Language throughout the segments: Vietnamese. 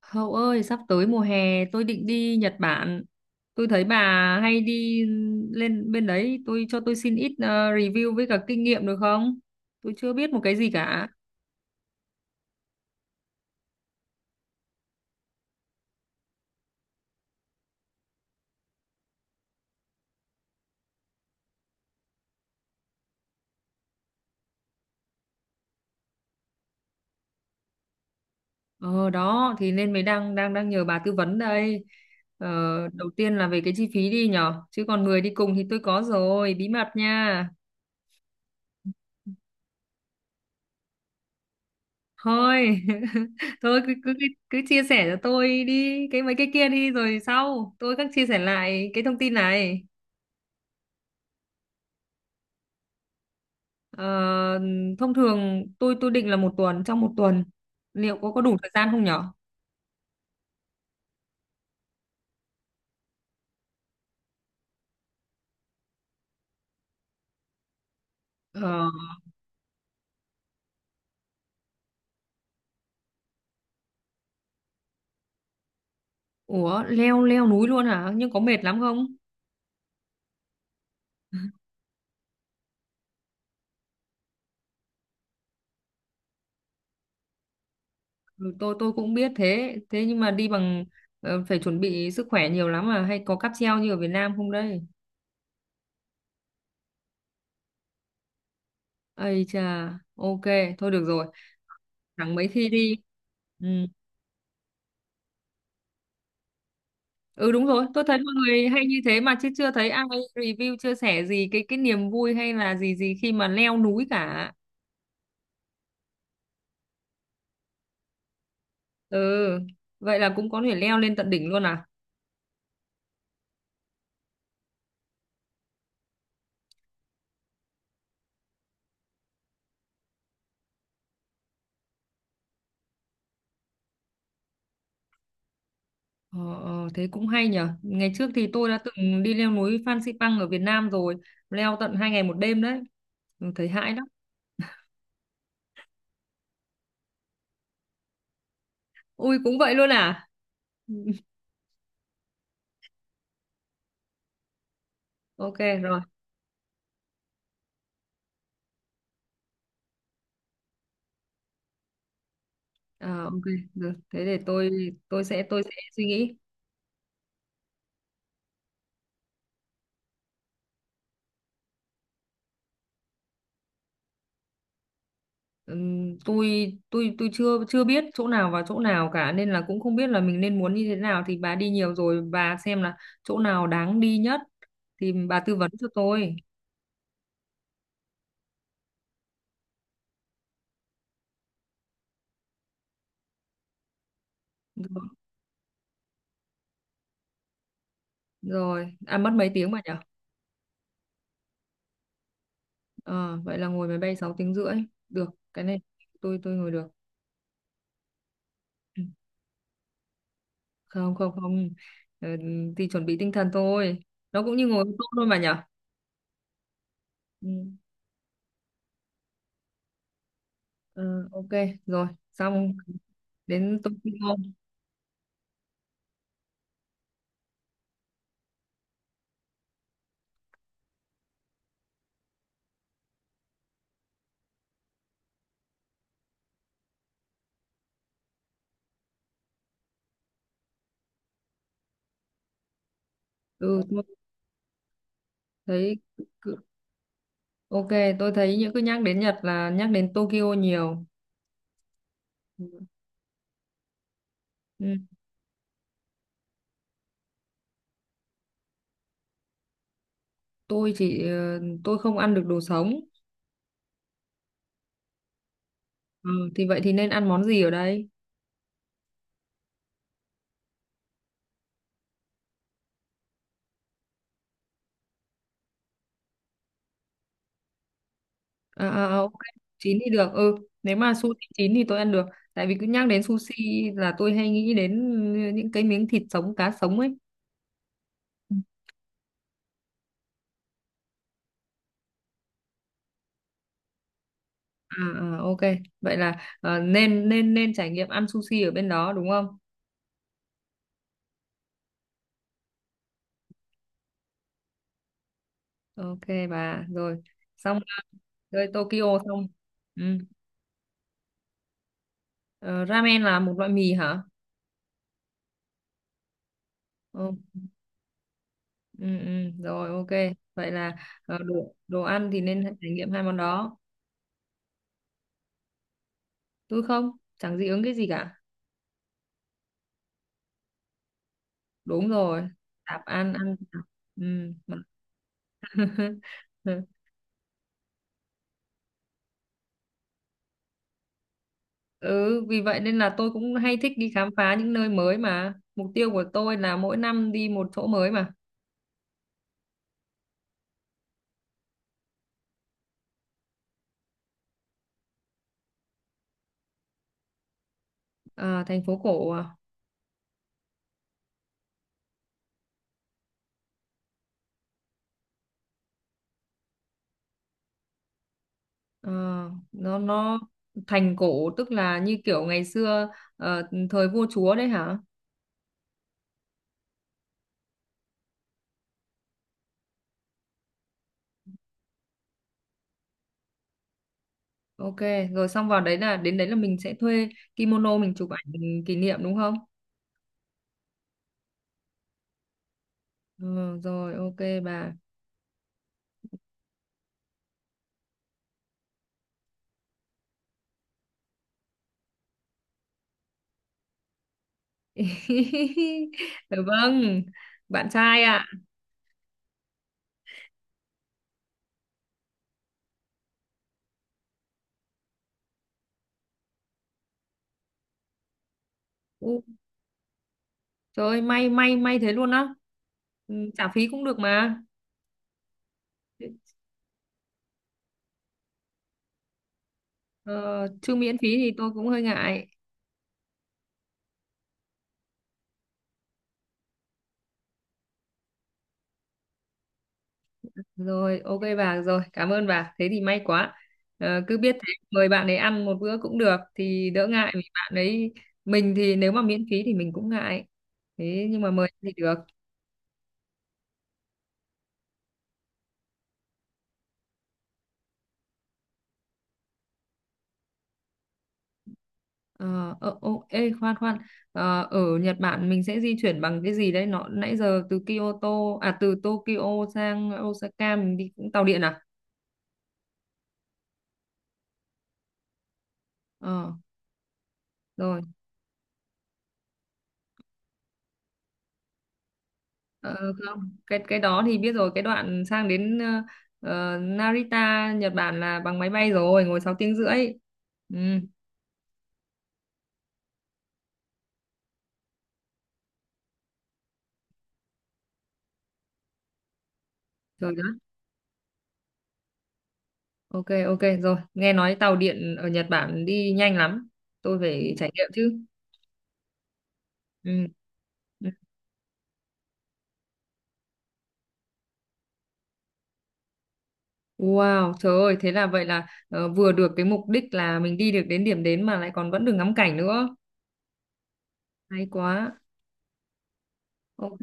Hậu ơi, sắp tới mùa hè tôi định đi Nhật Bản. Tôi thấy bà hay đi lên bên đấy, tôi cho tôi xin ít review với cả kinh nghiệm được không? Tôi chưa biết một cái gì cả. Ờ đó thì nên mới đang đang đang nhờ bà tư vấn đây. Ờ, đầu tiên là về cái chi phí đi nhở, chứ còn người đi cùng thì tôi có rồi, bí mật nha. Thôi, thôi cứ, cứ cứ cứ chia sẻ cho tôi đi cái mấy cái kia đi rồi sau tôi các chia sẻ lại cái thông tin này. Ờ, thông thường tôi định là một tuần, trong một tuần liệu có đủ thời gian không nhở? Ờ, ủa, leo leo núi luôn hả? Nhưng có mệt lắm không? Ừ, tôi cũng biết thế thế nhưng mà đi bằng phải chuẩn bị sức khỏe nhiều lắm à, hay có cáp treo như ở Việt Nam không đây? Ây chà, ok, thôi được rồi, chẳng mấy khi đi. Ừ. Ừ, đúng rồi, tôi thấy mọi người hay như thế mà chứ chưa thấy ai review chia sẻ gì cái niềm vui hay là gì gì khi mà leo núi cả. Ừ, vậy là cũng có thể leo lên tận đỉnh luôn à? Ờ, ờ, thế cũng hay nhở. Ngày trước thì tôi đã từng đi leo núi Phan Xipang ở Việt Nam rồi, leo tận 2 ngày một đêm đấy. Ừ, thấy hãi lắm. Ui, cũng vậy luôn à? Ừ, ok rồi. Ờ, ok, được. Thế để tôi sẽ suy nghĩ. Tôi tôi chưa chưa biết chỗ nào và chỗ nào cả, nên là cũng không biết là mình nên muốn như thế nào, thì bà đi nhiều rồi bà xem là chỗ nào đáng đi nhất thì bà tư vấn cho tôi. Rồi à, mất mấy tiếng mà nhở? Ờ, vậy là ngồi máy bay 6 tiếng rưỡi được, cái này tôi ngồi được. Ừ, không, không, không. Ờ, thì chuẩn bị tinh thần thôi, nó cũng như ngồi ô tô thôi mà nhở. Ừ, ờ, ok rồi, xong đến Tokyo. Ừ, tôi thấy cứ- ok, tôi thấy những cứ nhắc đến Nhật là nhắc đến Tokyo nhiều. Ừ. Ừ, tôi không ăn được đồ sống. Ừ, thì vậy thì nên ăn món gì ở đây? À, à, à, ok, chín thì được. Ừ, nếu mà sushi chín thì tôi ăn được. Tại vì cứ nhắc đến sushi là tôi hay nghĩ đến những cái miếng thịt sống, cá sống ấy. Ừ. À, à, ok. Vậy là nên nên nên trải nghiệm ăn sushi ở bên đó đúng không? Ok bà, rồi. Xong rồi, Tokyo xong. Ừ. Ờ, ramen là một loại mì hả? Ừ, ừ, ừ. Rồi, ok. Vậy là đồ đồ ăn thì nên trải nghiệm hai món đó. Tôi không, chẳng dị ứng cái gì cả. Đúng rồi, tạp ăn, ăn tạp. Ừ. mà- ừ, vì vậy nên là tôi cũng hay thích đi khám phá những nơi mới, mà mục tiêu của tôi là mỗi năm đi một chỗ mới mà. À, thành phố cổ à? Ờ, nó thành cổ tức là như kiểu ngày xưa, ờ, thời vua chúa đấy hả? Ok rồi, xong vào đấy là đến đấy là mình sẽ thuê kimono, mình chụp ảnh, mình kỷ niệm đúng không? Ừ, rồi ok bà. Dạ vâng, bạn trai ạ. Ừ. Trời ơi, may may may thế luôn á. Ừ, trả phí cũng được mà. Ờ, chứ miễn phí thì tôi cũng hơi ngại. Rồi, ok bà, rồi, cảm ơn bà. Thế thì may quá. Ờ, cứ biết thế, mời bạn ấy ăn một bữa cũng được thì đỡ ngại, vì bạn ấy mình thì nếu mà miễn phí thì mình cũng ngại. Thế nhưng mà mời thì được. Ờ, ờ, ô, ê, khoan khoan. Ờ, ở Nhật Bản mình sẽ di chuyển bằng cái gì đấy, nó nãy giờ từ Kyoto, à, từ Tokyo sang Osaka mình đi cũng tàu điện à? Ờ rồi. Ờ, không, cái đó thì biết rồi, cái đoạn sang đến Narita Nhật Bản là bằng máy bay rồi, ngồi 6 tiếng rưỡi. Ừ, rồi đó, ok, ok rồi, nghe nói tàu điện ở Nhật Bản đi nhanh lắm, tôi phải trải nghiệm chứ. Ừ. Ừ. Wow, trời ơi, thế là vậy là vừa được cái mục đích là mình đi được đến điểm đến mà lại còn vẫn được ngắm cảnh nữa. Hay quá. Ok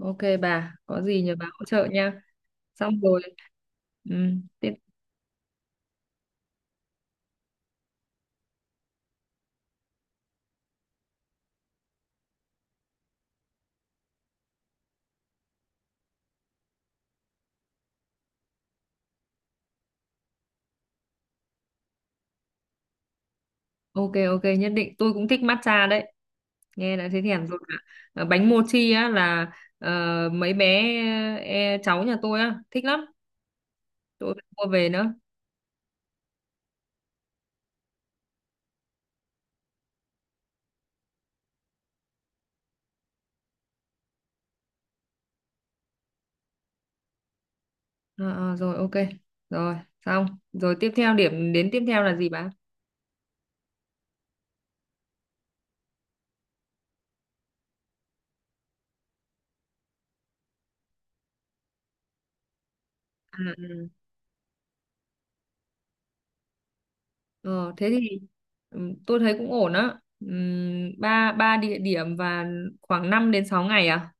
ok bà, có gì nhờ bà hỗ trợ nha. Xong rồi. Ừ. Ok ok, nhất định, tôi cũng thích matcha đấy, nghe đã thấy thèm rồi ạ. Ờ, bánh mochi á là ờ, mấy bé cháu nhà tôi á thích lắm, tôi phải mua về nữa. Ờ, ờ, rồi ok, rồi xong rồi, tiếp theo điểm đến tiếp theo là gì bà? À, ừ. Ờ, thế thì tôi thấy cũng ổn á. Ba ba địa điểm và khoảng 5 đến 6 ngày à?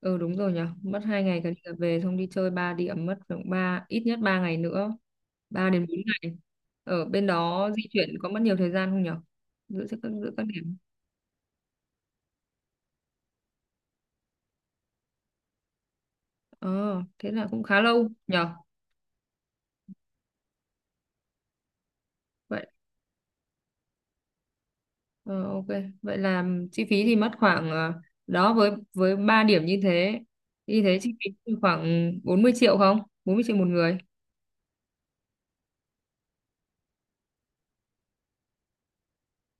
Ừ đúng rồi nhỉ, mất 2 ngày cả đi cả về, xong đi chơi 3 điểm mất khoảng ít nhất 3 ngày nữa, 3 đến 4 ngày. Ở bên đó di chuyển có mất nhiều thời gian không nhỉ? Giữa giữa các điểm. Ờ, thế là cũng khá lâu nhỉ. Vậy ờ, ok, vậy là chi phí thì mất khoảng đó, với 3 điểm như thế. Như thế chi phí thì khoảng 40 triệu không? 40 triệu một người.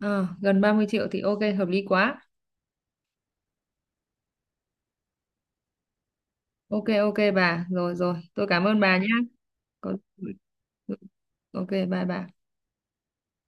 Ờ, gần 30 triệu thì ok, hợp lý quá. Ok ok bà, rồi rồi, tôi cảm ơn bà nhá. Có. Ok, bye bye.